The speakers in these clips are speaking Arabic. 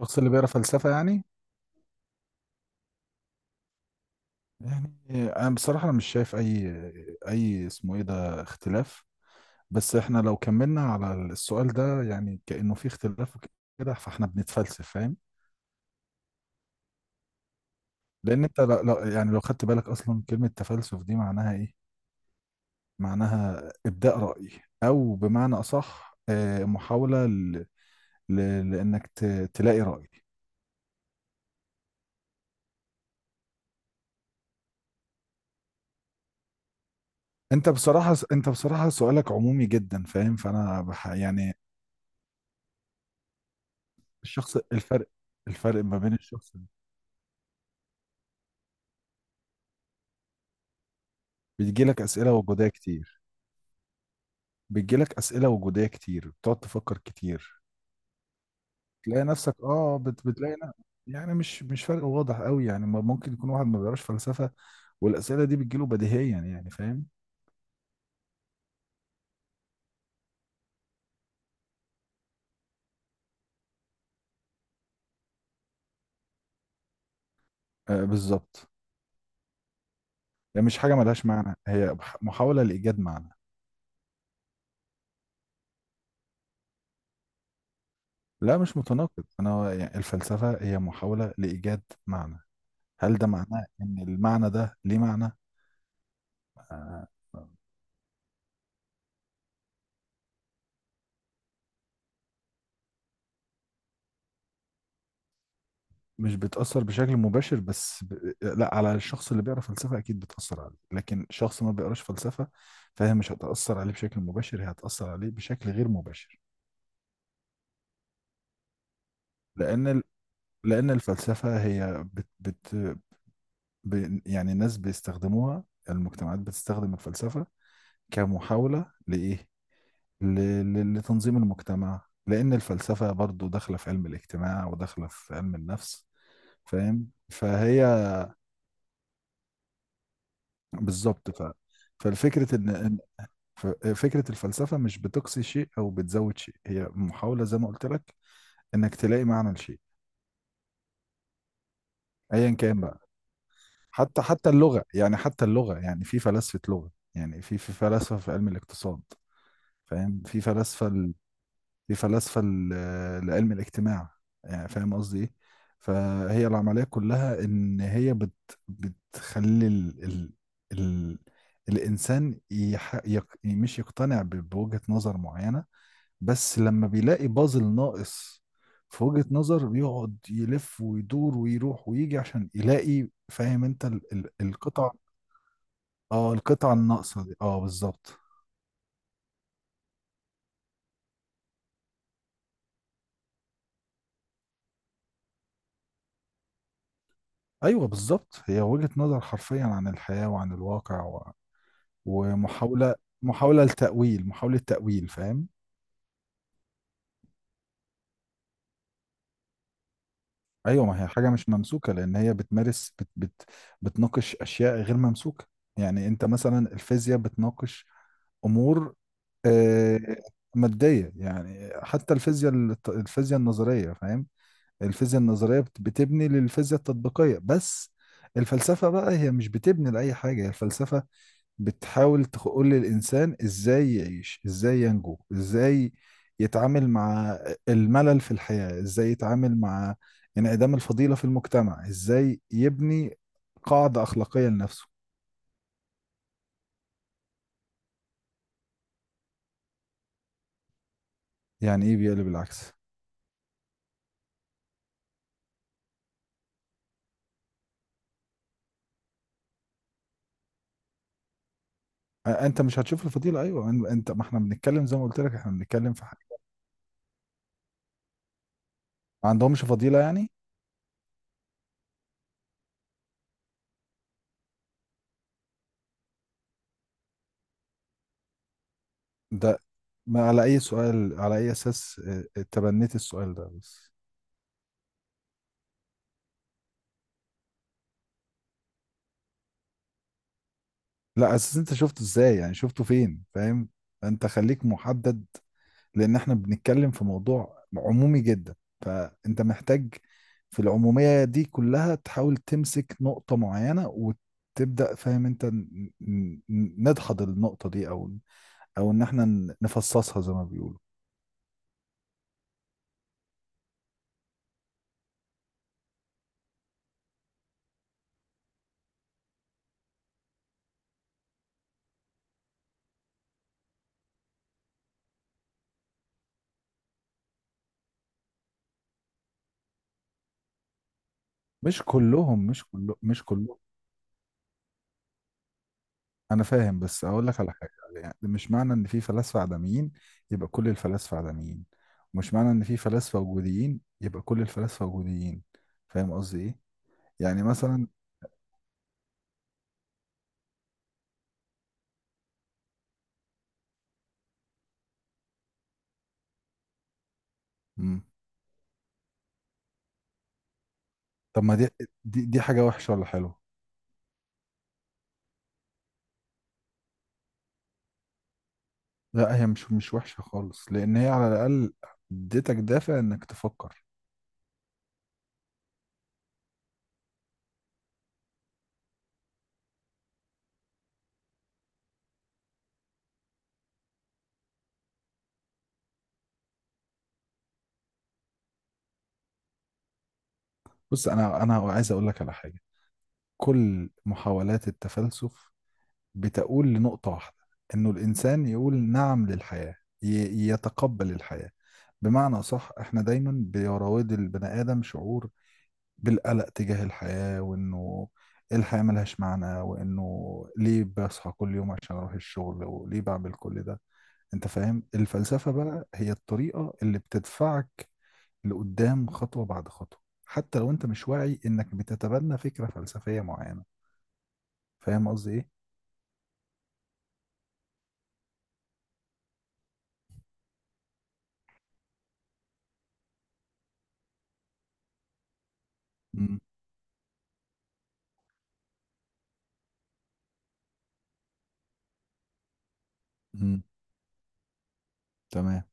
الشخص اللي بيقرا فلسفة يعني. يعني انا بصراحة مش شايف اي اسمه ايه ده اختلاف. بس احنا لو كملنا على السؤال ده يعني كأنه في اختلاف كده، فاحنا بنتفلسف، فاهم؟ لان انت يعني لو خدت بالك اصلا كلمة تفلسف دي معناها ايه. معناها ابداء رأي، او بمعنى اصح محاولة ل... لانك ت... تلاقي رأي. انت بصراحة سؤالك عمومي جدا، فاهم؟ فانا بح... يعني الشخص الفرق ما بين الشخص. بتجيلك أسئلة وجودية كتير بتجيلك أسئلة وجودية كتير، بتقعد تفكر كتير. تلاقي نفسك، يعني مش فرق واضح قوي، يعني ممكن يكون واحد ما بيقراش فلسفة والأسئلة دي بتجيله بديهيا، يعني فاهم. آه، بالظبط. يعني مش حاجة ملهاش معنى، هي محاولة لإيجاد معنى. لا، مش متناقض، أنا يعني الفلسفة هي محاولة لإيجاد معنى. هل ده معناه إن المعنى ده ليه معنى؟ آه. مش بتأثر بشكل مباشر، بس لا، على الشخص اللي بيقرأ فلسفة أكيد بتأثر عليه، لكن شخص ما بيقراش فلسفة فهي مش هتأثر عليه بشكل مباشر، هي هتأثر عليه بشكل غير مباشر. لأن ال... لأن الفلسفة هي يعني الناس بيستخدموها، المجتمعات بتستخدم الفلسفة كمحاولة لإيه؟ ل... لتنظيم المجتمع، لأن الفلسفة برضو داخلة في علم الاجتماع وداخلة في علم النفس، فاهم؟ فهي بالظبط. فالفكرة فكرة الفلسفة مش بتقصي شيء أو بتزود شيء، هي محاولة زي ما قلت لك إنك تلاقي معنى لشيء، أيا كان بقى. حتى اللغة، يعني حتى اللغة، يعني في فلسفة لغة، يعني في فلسفة في علم الاقتصاد، فاهم، في فلسفة في فلسفة ل- لعلم الاجتماع، يعني فاهم قصدي إيه. فهي العملية كلها إن هي بتخلي ال الإنسان يح يق مش يقتنع بوجهة نظر معينة، بس لما بيلاقي بازل ناقص في وجهة نظر بيقعد يلف ويدور ويروح ويجي عشان يلاقي، فاهم، انت ال القطع. اه، القطع الناقصة دي، اه بالظبط. ايوه بالظبط، هي وجهة نظر حرفيا عن الحياة وعن الواقع، ومحاولة محاولة لتأويل، محاولة تأويل، فاهم. ايوه، ما هي حاجه مش ممسوكه، لان هي بتمارس بت بت بتناقش اشياء غير ممسوكه. يعني انت مثلا الفيزياء بتناقش امور آه، ماديه، يعني حتى الفيزياء الفيزياء النظريه، فاهم. الفيزياء النظريه بتبني للفيزياء التطبيقيه بس، الفلسفه بقى هي مش بتبني لاي حاجه. الفلسفه بتحاول تقول للإنسان إزاي يعيش، إزاي ينجو، إزاي يتعامل مع الملل في الحياة، إزاي يتعامل مع انعدام الفضيلة في المجتمع، إزاي يبني قاعدة أخلاقية لنفسه. يعني إيه بيقلب العكس؟ أنت مش هتشوف الفضيلة، أيوة، أنت، ما إحنا بنتكلم زي ما قلت لك، إحنا بنتكلم في حاجة. ما عندهمش فضيلة يعني؟ ده، ما على أي سؤال، على أي أساس تبنيت السؤال ده بس؟ لا، أساس أنت شفته إزاي يعني، شفته فين، فاهم؟ أنت خليك محدد، لان احنا بنتكلم في موضوع عمومي جدا، فانت محتاج في العمومية دي كلها تحاول تمسك نقطة معينة وتبدأ، فاهم، انت نضحض النقطة دي، او او ان احنا نفصصها زي ما بيقولوا. مش كلهم. انا فاهم، بس اقول لك على حاجة، يعني مش معنى ان في فلاسفة عدميين يبقى كل الفلاسفة عدميين، ومش معنى ان في فلاسفة وجوديين يبقى كل الفلاسفة وجوديين، فاهم قصدي ايه. يعني مثلا. مم. طب ما دي، دي حاجة وحشة ولا حلوة؟ لا، هي مش وحشة خالص، لأن هي على الأقل اديتك دافع إنك تفكر. بص، أنا عايز أقول لك على حاجة. كل محاولات التفلسف بتقول لنقطة واحدة، إنه الإنسان يقول نعم للحياة، يتقبل الحياة، بمعنى صح. إحنا دايما بيراود البني آدم شعور بالقلق تجاه الحياة، وإنه الحياة ملهاش معنى، وإنه ليه بصحى كل يوم عشان أروح الشغل، وليه بعمل كل ده، انت فاهم. الفلسفة بقى هي الطريقة اللي بتدفعك لقدام خطوة بعد خطوة، حتى لو انت مش واعي انك بتتبنى فكرة فلسفية معينة، فاهم قصدي ايه. مم. مم. تمام.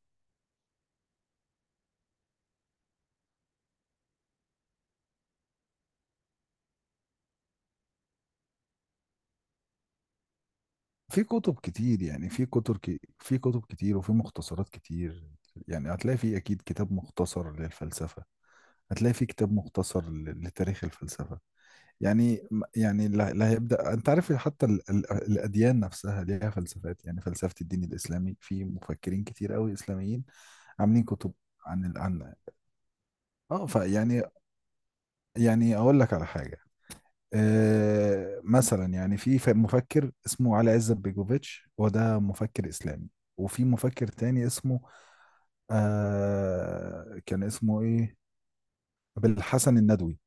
في كتب كتير، يعني في كتب في كتب كتير وفي مختصرات كتير، يعني هتلاقي في اكيد كتاب مختصر للفلسفة، هتلاقي في كتاب مختصر لتاريخ الفلسفة، يعني. يعني اللي هيبدأ، انت عارف حتى الأديان نفسها ليها فلسفات، يعني فلسفة الدين الإسلامي، في مفكرين كتير قوي إسلاميين عاملين كتب عن عن. اه فيعني يعني اقول لك على حاجة. آه، مثلا يعني في مفكر اسمه علي عزت بيجوفيتش، وده مفكر إسلامي، وفي مفكر تاني اسمه آه كان اسمه ايه بالحسن الندوي.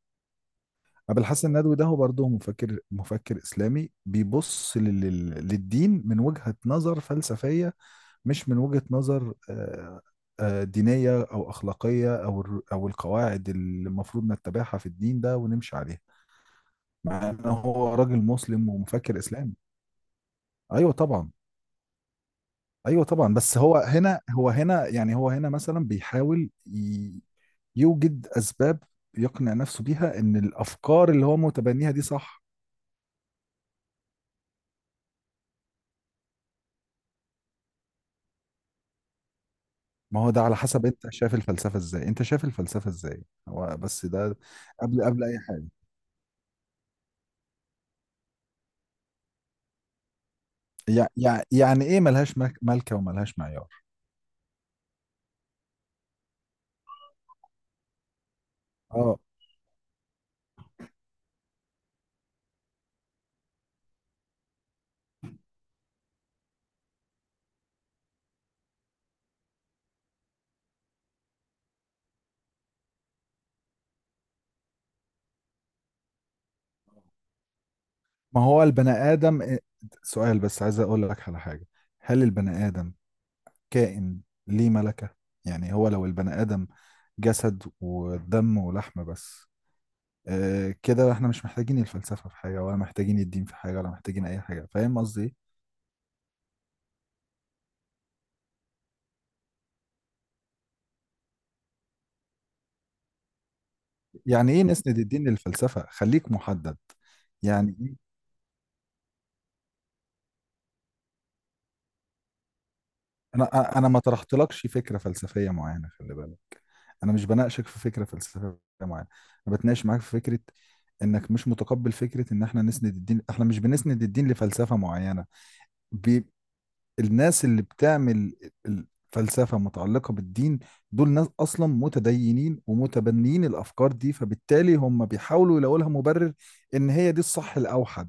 أبو الحسن الندوي ده هو برضه مفكر إسلامي بيبص للدين من وجهة نظر فلسفية، مش من وجهة نظر دينية أو أخلاقية أو أو القواعد اللي المفروض نتبعها في الدين ده ونمشي عليها، مع إن هو راجل مسلم ومفكر إسلامي. أيوه طبعا. أيوه طبعا، بس هو هنا، هو هنا يعني، هو هنا مثلا بيحاول يوجد أسباب يقنع نفسه بيها إن الأفكار اللي هو متبنيها دي صح. ما هو ده على حسب انت شايف الفلسفة ازاي، انت شايف الفلسفة ازاي هو بس ده. قبل اي حاجة، يعني ايه ملهاش ملكة وملهاش معيار؟ اه، ما هو البني ادم سؤال بس عايز اقول لك على حاجة، هل البني ادم كائن ليه ملكة؟ يعني هو لو البني ادم جسد ودم ولحم بس، اه كده احنا مش محتاجين الفلسفة في حاجة، ولا محتاجين الدين في حاجة، ولا محتاجين اي حاجة، فاهم قصدي ايه؟ يعني ايه نسند الدين للفلسفة؟ خليك محدد. يعني انا ما طرحتلكش فكره فلسفيه معينه، خلي بالك، انا مش بناقشك في فكره فلسفيه معينه، انا بتناقش معاك في فكره انك مش متقبل فكره ان احنا نسند الدين. احنا مش بنسند الدين لفلسفه معينه، ب... الناس اللي بتعمل الفلسفة متعلقة بالدين دول ناس أصلا متدينين ومتبنيين الأفكار دي، فبالتالي هم بيحاولوا يلاقوا لها مبرر إن هي دي الصح الأوحد،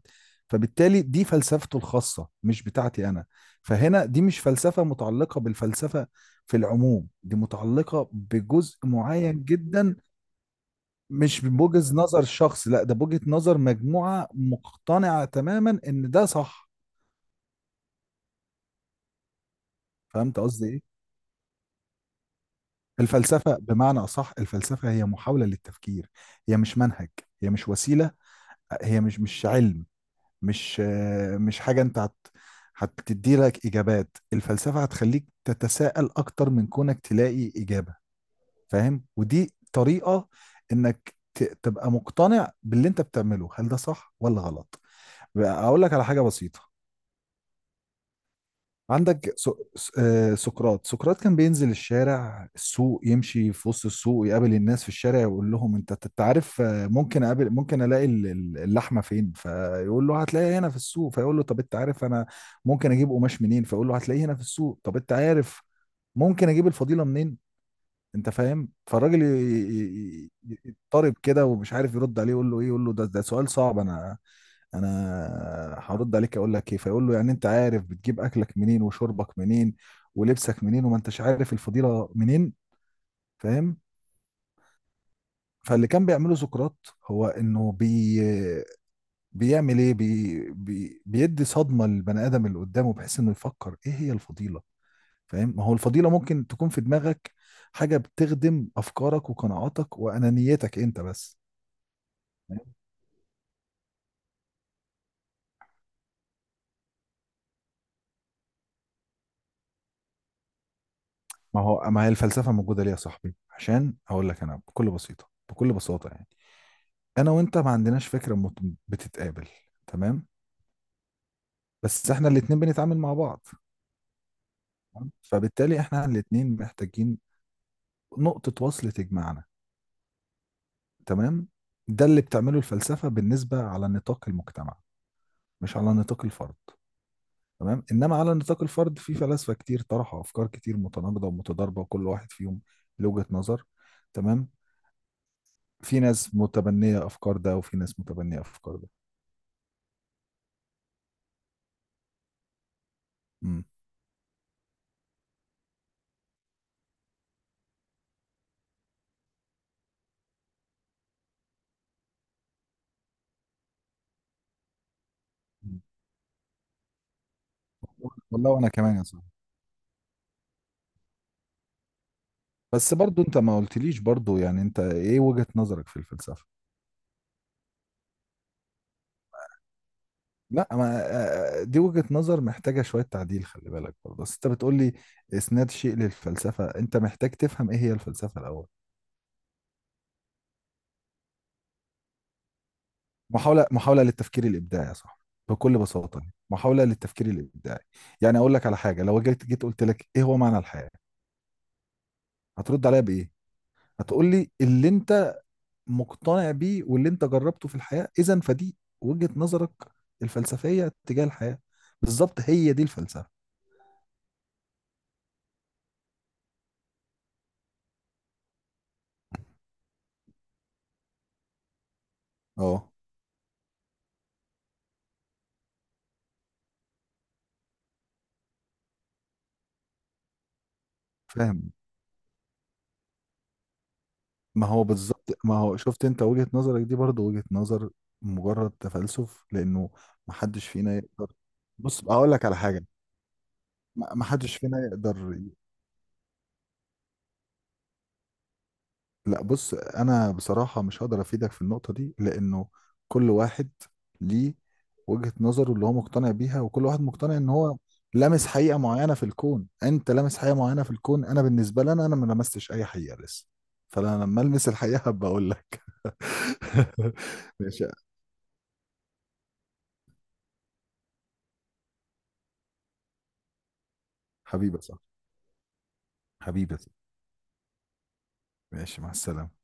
فبالتالي دي فلسفته الخاصة مش بتاعتي أنا، فهنا دي مش فلسفة متعلقة بالفلسفة في العموم، دي متعلقة بجزء معين جدا. مش بوجهة نظر شخص، لا ده بوجهة نظر مجموعة مقتنعة تماما إن ده صح، فهمت قصدي إيه؟ الفلسفة بمعنى أصح، الفلسفة هي محاولة للتفكير، هي مش منهج، هي مش وسيلة، هي مش علم، مش مش حاجة أنت هتدي لك إجابات، الفلسفة هتخليك تتساءل أكتر من كونك تلاقي إجابة، فاهم. ودي طريقة إنك تبقى مقتنع باللي أنت بتعمله، هل ده صح ولا غلط؟ بقى أقول لك على حاجة بسيطة. عندك سو... س- آه، سقراط كان بينزل الشارع، السوق، يمشي في وسط السوق، يقابل الناس في الشارع، يقول لهم انت عارف ممكن اقابل، ممكن الاقي اللحمه فين، فيقول له هتلاقيها هنا في السوق، فيقول له طب انت عارف انا ممكن اجيب قماش منين، فيقول له هتلاقيه هنا في السوق، طب انت عارف ممكن اجيب الفضيله منين، انت فاهم. فالراجل يضطرب كده ومش عارف يرد عليه، يقول له ايه، يقول له ده سؤال صعب، انا هرد عليك اقول لك ايه، فيقول له يعني انت عارف بتجيب اكلك منين وشربك منين ولبسك منين، وما انتش عارف الفضيلة منين، فاهم. فاللي كان بيعمله سقراط هو انه بيعمل ايه، بي بي بيدي صدمة للبني ادم اللي قدامه، بحيث انه يفكر ايه هي الفضيلة، فاهم، ما هو الفضيلة ممكن تكون في دماغك حاجة بتخدم أفكارك وقناعاتك وأنانيتك أنت بس، فاهم؟ ما هي الفلسفة موجودة ليه يا صاحبي؟ عشان أقول لك أنا بكل بسيطة بكل بساطة، يعني أنا وأنت ما عندناش فكرة بتتقابل، تمام، بس إحنا الاتنين بنتعامل مع بعض، تمام؟ فبالتالي إحنا الاتنين محتاجين نقطة وصل تجمعنا، تمام. ده اللي بتعمله الفلسفة بالنسبة على نطاق المجتمع، مش على نطاق الفرد، تمام، انما على نطاق الفرد في فلاسفه كتير طرحوا افكار كتير متناقضه ومتضاربه، وكل واحد فيهم له وجهه نظر، تمام، في ناس متبنيه افكار ده وفي ناس متبنيه افكار ده. امم والله وانا كمان يا صاحبي. بس برضو انت ما قلتليش برضو، يعني انت ايه وجهه نظرك في الفلسفه؟ لا، ما دي وجهه نظر محتاجه شويه تعديل، خلي بالك برضه، بس انت بتقولي اسناد شيء للفلسفه، انت محتاج تفهم ايه هي الفلسفه الاول. محاولة، للتفكير الإبداعي يا صاحبي، بكل بساطة، محاولة للتفكير الإبداعي. يعني أقول لك على حاجة، لو جيت قلت لك إيه هو معنى الحياة، هترد عليا بإيه؟ هتقول لي اللي أنت مقتنع بيه واللي أنت جربته في الحياة، إذا فدي وجهة نظرك الفلسفية تجاه الحياة، بالظبط هي دي الفلسفة. أه. فاهم، ما هو بالظبط، ما هو شفت أنت وجهة نظرك دي برضه وجهة نظر مجرد تفلسف، لأنه محدش فينا يقدر. بص، هقول لك على حاجة. ما حدش فينا يقدر. لا، بص، انا بصراحه مش هقدر افيدك في النقطه دي، لانه كل واحد ليه وجهه نظره اللي هو مقتنع بيها، وكل واحد مقتنع ان هو لامس حقيقه معينه في الكون، انت لامس حقيقه معينه في الكون، انا بالنسبه لي أنا ما لمستش اي حقيقه لسه، فانا لما المس الحقيقه هبقى اقول لك. ماشي يا حبيبي، صح حبيبي يا صاحبي. ماشي، مع السلامه.